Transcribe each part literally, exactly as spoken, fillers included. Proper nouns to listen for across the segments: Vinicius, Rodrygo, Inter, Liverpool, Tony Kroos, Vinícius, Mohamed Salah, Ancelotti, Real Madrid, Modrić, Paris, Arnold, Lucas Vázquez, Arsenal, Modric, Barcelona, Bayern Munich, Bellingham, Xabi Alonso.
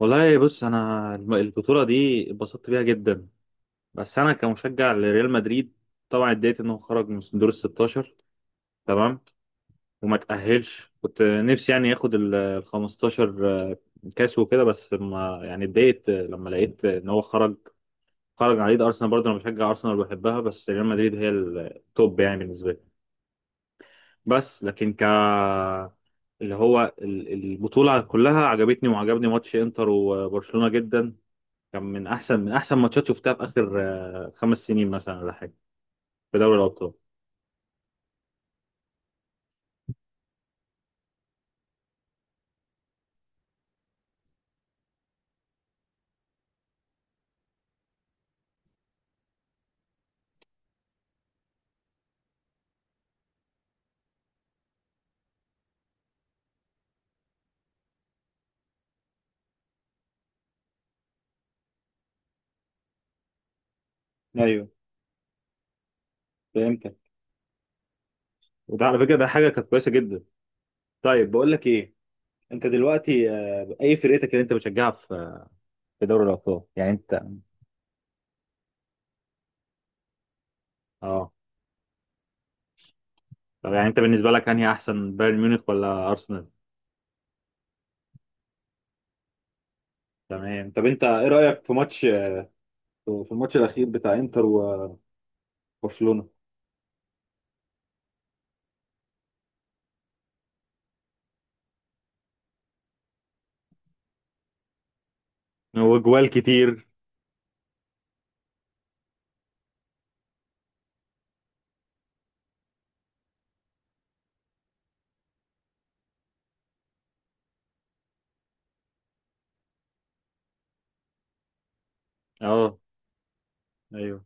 والله بص انا الم- البطوله دي اتبسطت بيها جدا. بس انا كمشجع لريال مدريد طبعا اتضايقت انه خرج من دور ال ستاشر. تمام. وما تاهلش، كنت نفسي يعني ياخد ال ال خمستاشر آه، كاس وكده. بس ما يعني اتضايقت لما لقيت ان هو خرج، خرج على يد ارسنال. برضه انا بشجع ارسنال وبحبها، بس ريال مدريد هي التوب يعني بالنسبه لي. بس لكن ك اللي هو ال- البطوله كلها عجبتني وعجبني ماتش انتر وبرشلونه جدا. كان من احسن من احسن ماتشات شفتها في اخر آه، خمس سنين مثلا ولا حاجه، في دوري الابطال. ايوه، فهمتك. وده على فكره، ده حاجه كانت كويسه جدا. طيب، بقول لك ايه. انت دلوقتي آه، اي فرقتك اللي انت بتشجعها في في دوري الابطال؟ يعني انت. اه. طب، يعني انت بالنسبه لك انهي احسن، بايرن ميونخ ولا ارسنال؟ تمام. طب انت ايه رايك في ماتش في الماتش الاخير بتاع انتر وبرشلونه. وجوال كتير. اه. ايوه.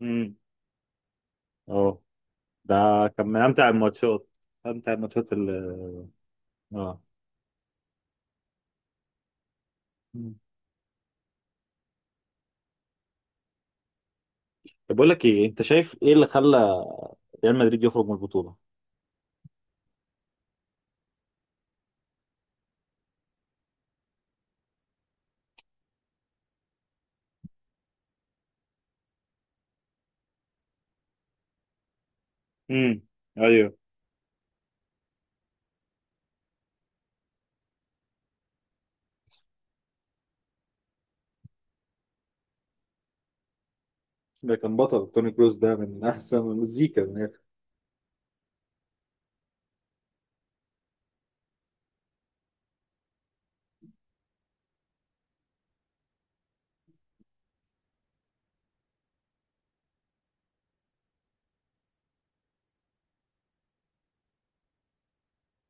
امم. اه. ده كان من امتع الماتشات. انت الماتشات اللي... اه. مم. طب، بقول لك ايه. انت شايف ايه اللي خلى ريال مدريد يخرج من البطوله؟ امم. ايوه. ده كان بطل، توني كروس ده من احسن المزيكا من الآخر.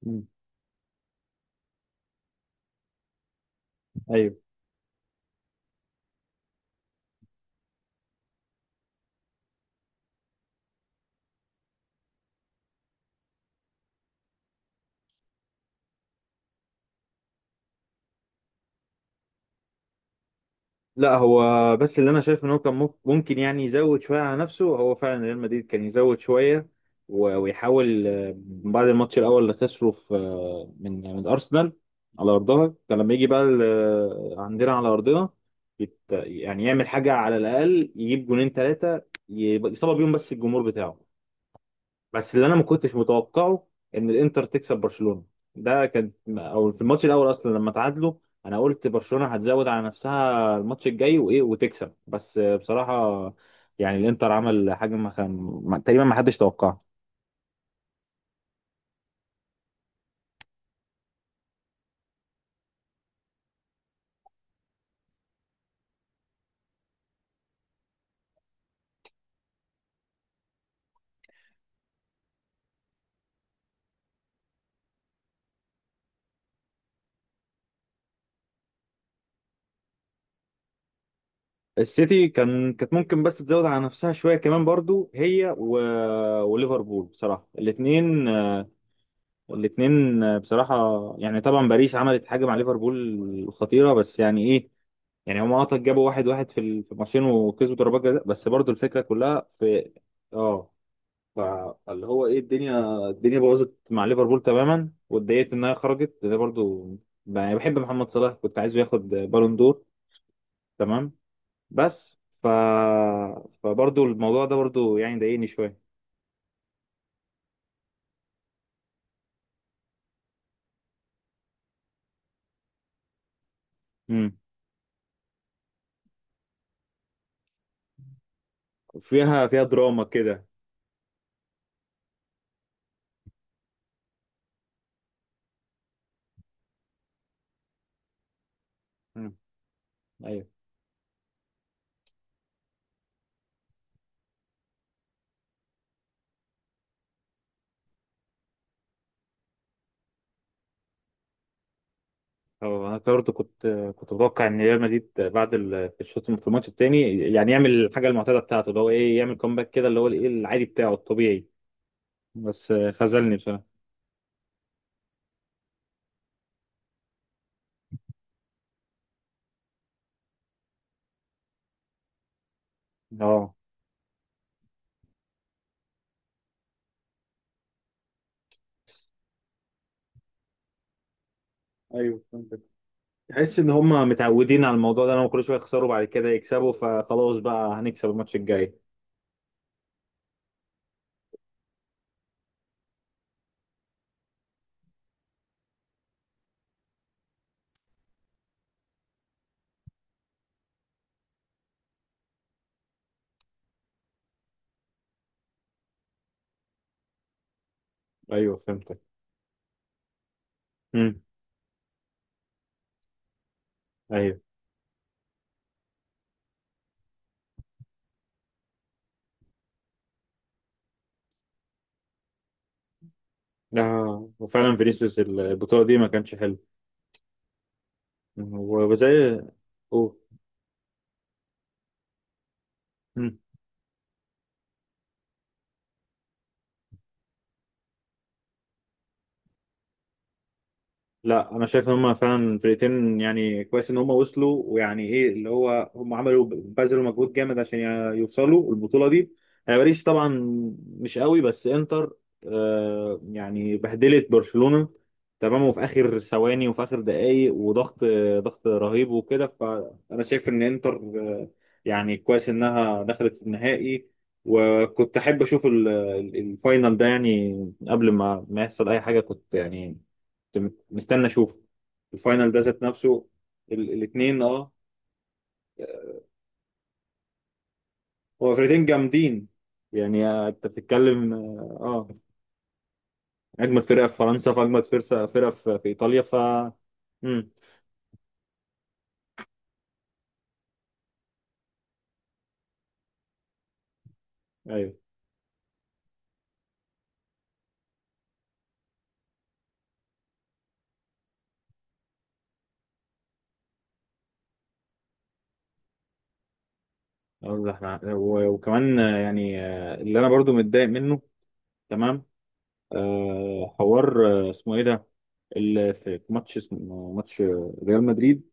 مم. ايوه. لا، هو بس اللي انا شايف ان هو كان مك- ممكن يعني يزود شويه على نفسه. هو فعلا ريال مدريد كان يزود شويه و- ويحاول، آه، بعد الماتش الاول اللي خسره في، آه، من من ارسنال على ارضها. كان لما يجي بقى ال- آه، عندنا على ارضنا يت- يعني يعمل حاجه على الاقل، يجيب جونين ثلاثه يصاب بيهم، بس الجمهور بتاعه. بس اللي انا ما كنتش متوقعه ان الانتر تكسب برشلونة. ده كان، او في الماتش الاول اصلا لما تعادلوا، انا قلت برشلونة هتزود على نفسها الماتش الجاي وايه وتكسب، بس بصراحة يعني الانتر عمل حاجة ما كان ما- تقريبا ما حدش توقعها. السيتي كان كانت ممكن بس تزود على نفسها شوية كمان برضو، هي و... وليفربول بصراحة، الاتنين الاتنين بصراحة. يعني طبعا باريس عملت حاجة مع ليفربول خطيرة، بس يعني ايه. يعني هم اه جابوا واحد واحد في ال- في الماتشين وكسبوا ضربات جزاء، بس برضو الفكره كلها في... اه. فاللي هو ايه، الدنيا الدنيا باظت مع ليفربول تماما، واتضايقت انها خرجت ده برضو. ب- يعني بحب محمد صلاح، كنت عايزه ياخد بالون دور. تمام. بس ف فبرضو الموضوع ده برضو يعني ضايقني شويه. امم. فيها فيها دراما كده. امم هو انا برضه كنت كنت متوقع ان ريال مدريد بعد ال- الشوط في الماتش التاني يعني يعمل الحاجه المعتاده بتاعته، اللي هو ايه، يعمل كومباك كده، اللي هو الايه العادي بتاعه الطبيعي. بس خذلني بصراحه. اه. ايوه فهمتك. تحس ان هم متعودين على الموضوع ده، ان هم كل شويه يخسروا بعد كده يكسبوا، فخلاص بقى هنكسب الماتش الجاي. ايوه فهمتك. امم. ايوه. لا، وفعلا فينيسيوس البطوله دي ما كانش حلو. وزي... اوه. لا، انا شايف ان هم فعلا الفرقتين يعني كويس ان هم وصلوا، ويعني ايه، اللي هو هم عملوا بذلوا مجهود جامد عشان يوصلوا البطوله دي. آه، باريس طبعا مش قوي، بس انتر آه، يعني بهدلت برشلونه. تمام. وفي اخر ثواني وفي اخر دقائق، وضغط ضغط رهيب وكده. فانا شايف ان انتر آه، يعني كويس انها دخلت النهائي. وكنت احب اشوف ال- ال- الفاينل ده، يعني قبل ما ما يحصل اي حاجه. كنت يعني كنت مستني اشوف الفاينل ده ذات نفسه، الاثنين. اه. هو فرقتين جامدين. يعني آه، انت بتتكلم اه آه، اجمد فرقه في فرنسا، في اجمد فرقه فرقه في, في ايطاليا ف امم. ايوه. أقول لك مع- و- وكمان آه، يعني آه، اللي انا برضو متضايق منه. تمام. آه، حوار، آه، اسمه ايه ده، ال- في ماتش اسمه ماتش آه، ريال مدريد.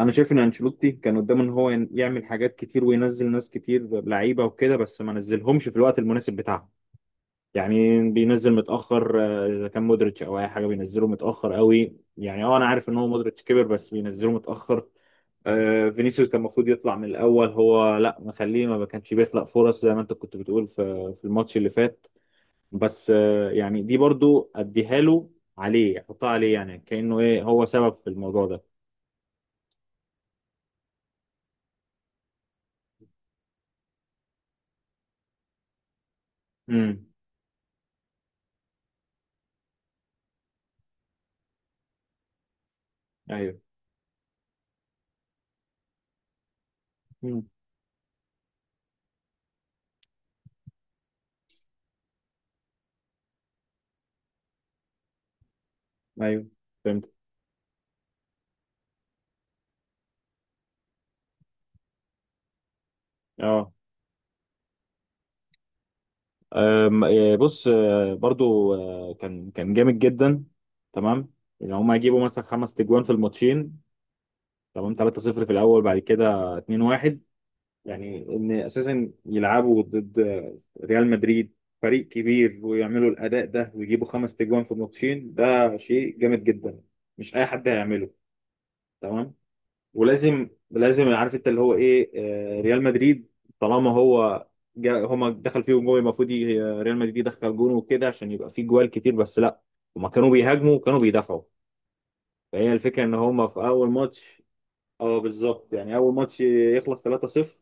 انا شايف ان انشيلوتي كان قدامه ان هو ين- يعمل حاجات كتير وينزل ناس كتير لعيبه وكده، بس ما نزلهمش في الوقت المناسب بتاعهم، يعني بينزل متاخر. آه، اذا كان مودريتش او اي حاجه بينزله متاخر قوي، يعني اه انا عارف ان هو مودريتش كبر، بس بينزله متاخر. آه، فينيسيوس كان المفروض يطلع من الاول. هو لا مخليه، ما كانش بيخلق فرص زي ما انت كنت بتقول في في الماتش اللي فات. بس آه، يعني دي برضو اديها له، عليه، احطها عليه، يعني كانه ايه، هو سبب في الموضوع ده. امم. ايوه، ايوه، فهمت. اه. أم، آه، بص، آه، برضو آه، كان كان جامد جدا. تمام. ان هم هيجيبوا مثلا خمس تجوان في الماتشين، تمام. ثلاثة صفر في الاول، بعد كده اتنين واحد، يعني ان اساسا يلعبوا ضد ريال مدريد، فريق كبير، ويعملوا الاداء ده ويجيبوا خمس تجوان في الماتشين، ده شيء جامد جدا. مش اي حد هيعمله. تمام. ولازم لازم عارف انت اللي هو ايه، آه، ريال مدريد، طالما هو جا هما دخل فيهم جول، المفروض ي- ريال مدريد يدخل جون وكده عشان يبقى فيه جوال كتير. بس لا، هما كانوا بيهاجموا وكانوا بيدافعوا. فهي الفكره ان هما في اول ماتش. اه بالظبط يعني، اول ماتش يخلص ثلاثة صفر،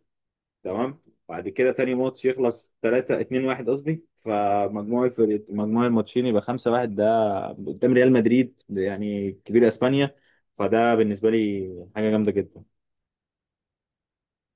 تمام. بعد كده تاني ماتش يخلص ثلاثة، اتنين واحد قصدي، فمجموع الفرق مجموع الماتشين يبقى خمسة لواحد. ده قدام ريال مدريد، يعني كبير اسبانيا، فده بالنسبه لي حاجه جامده جدا.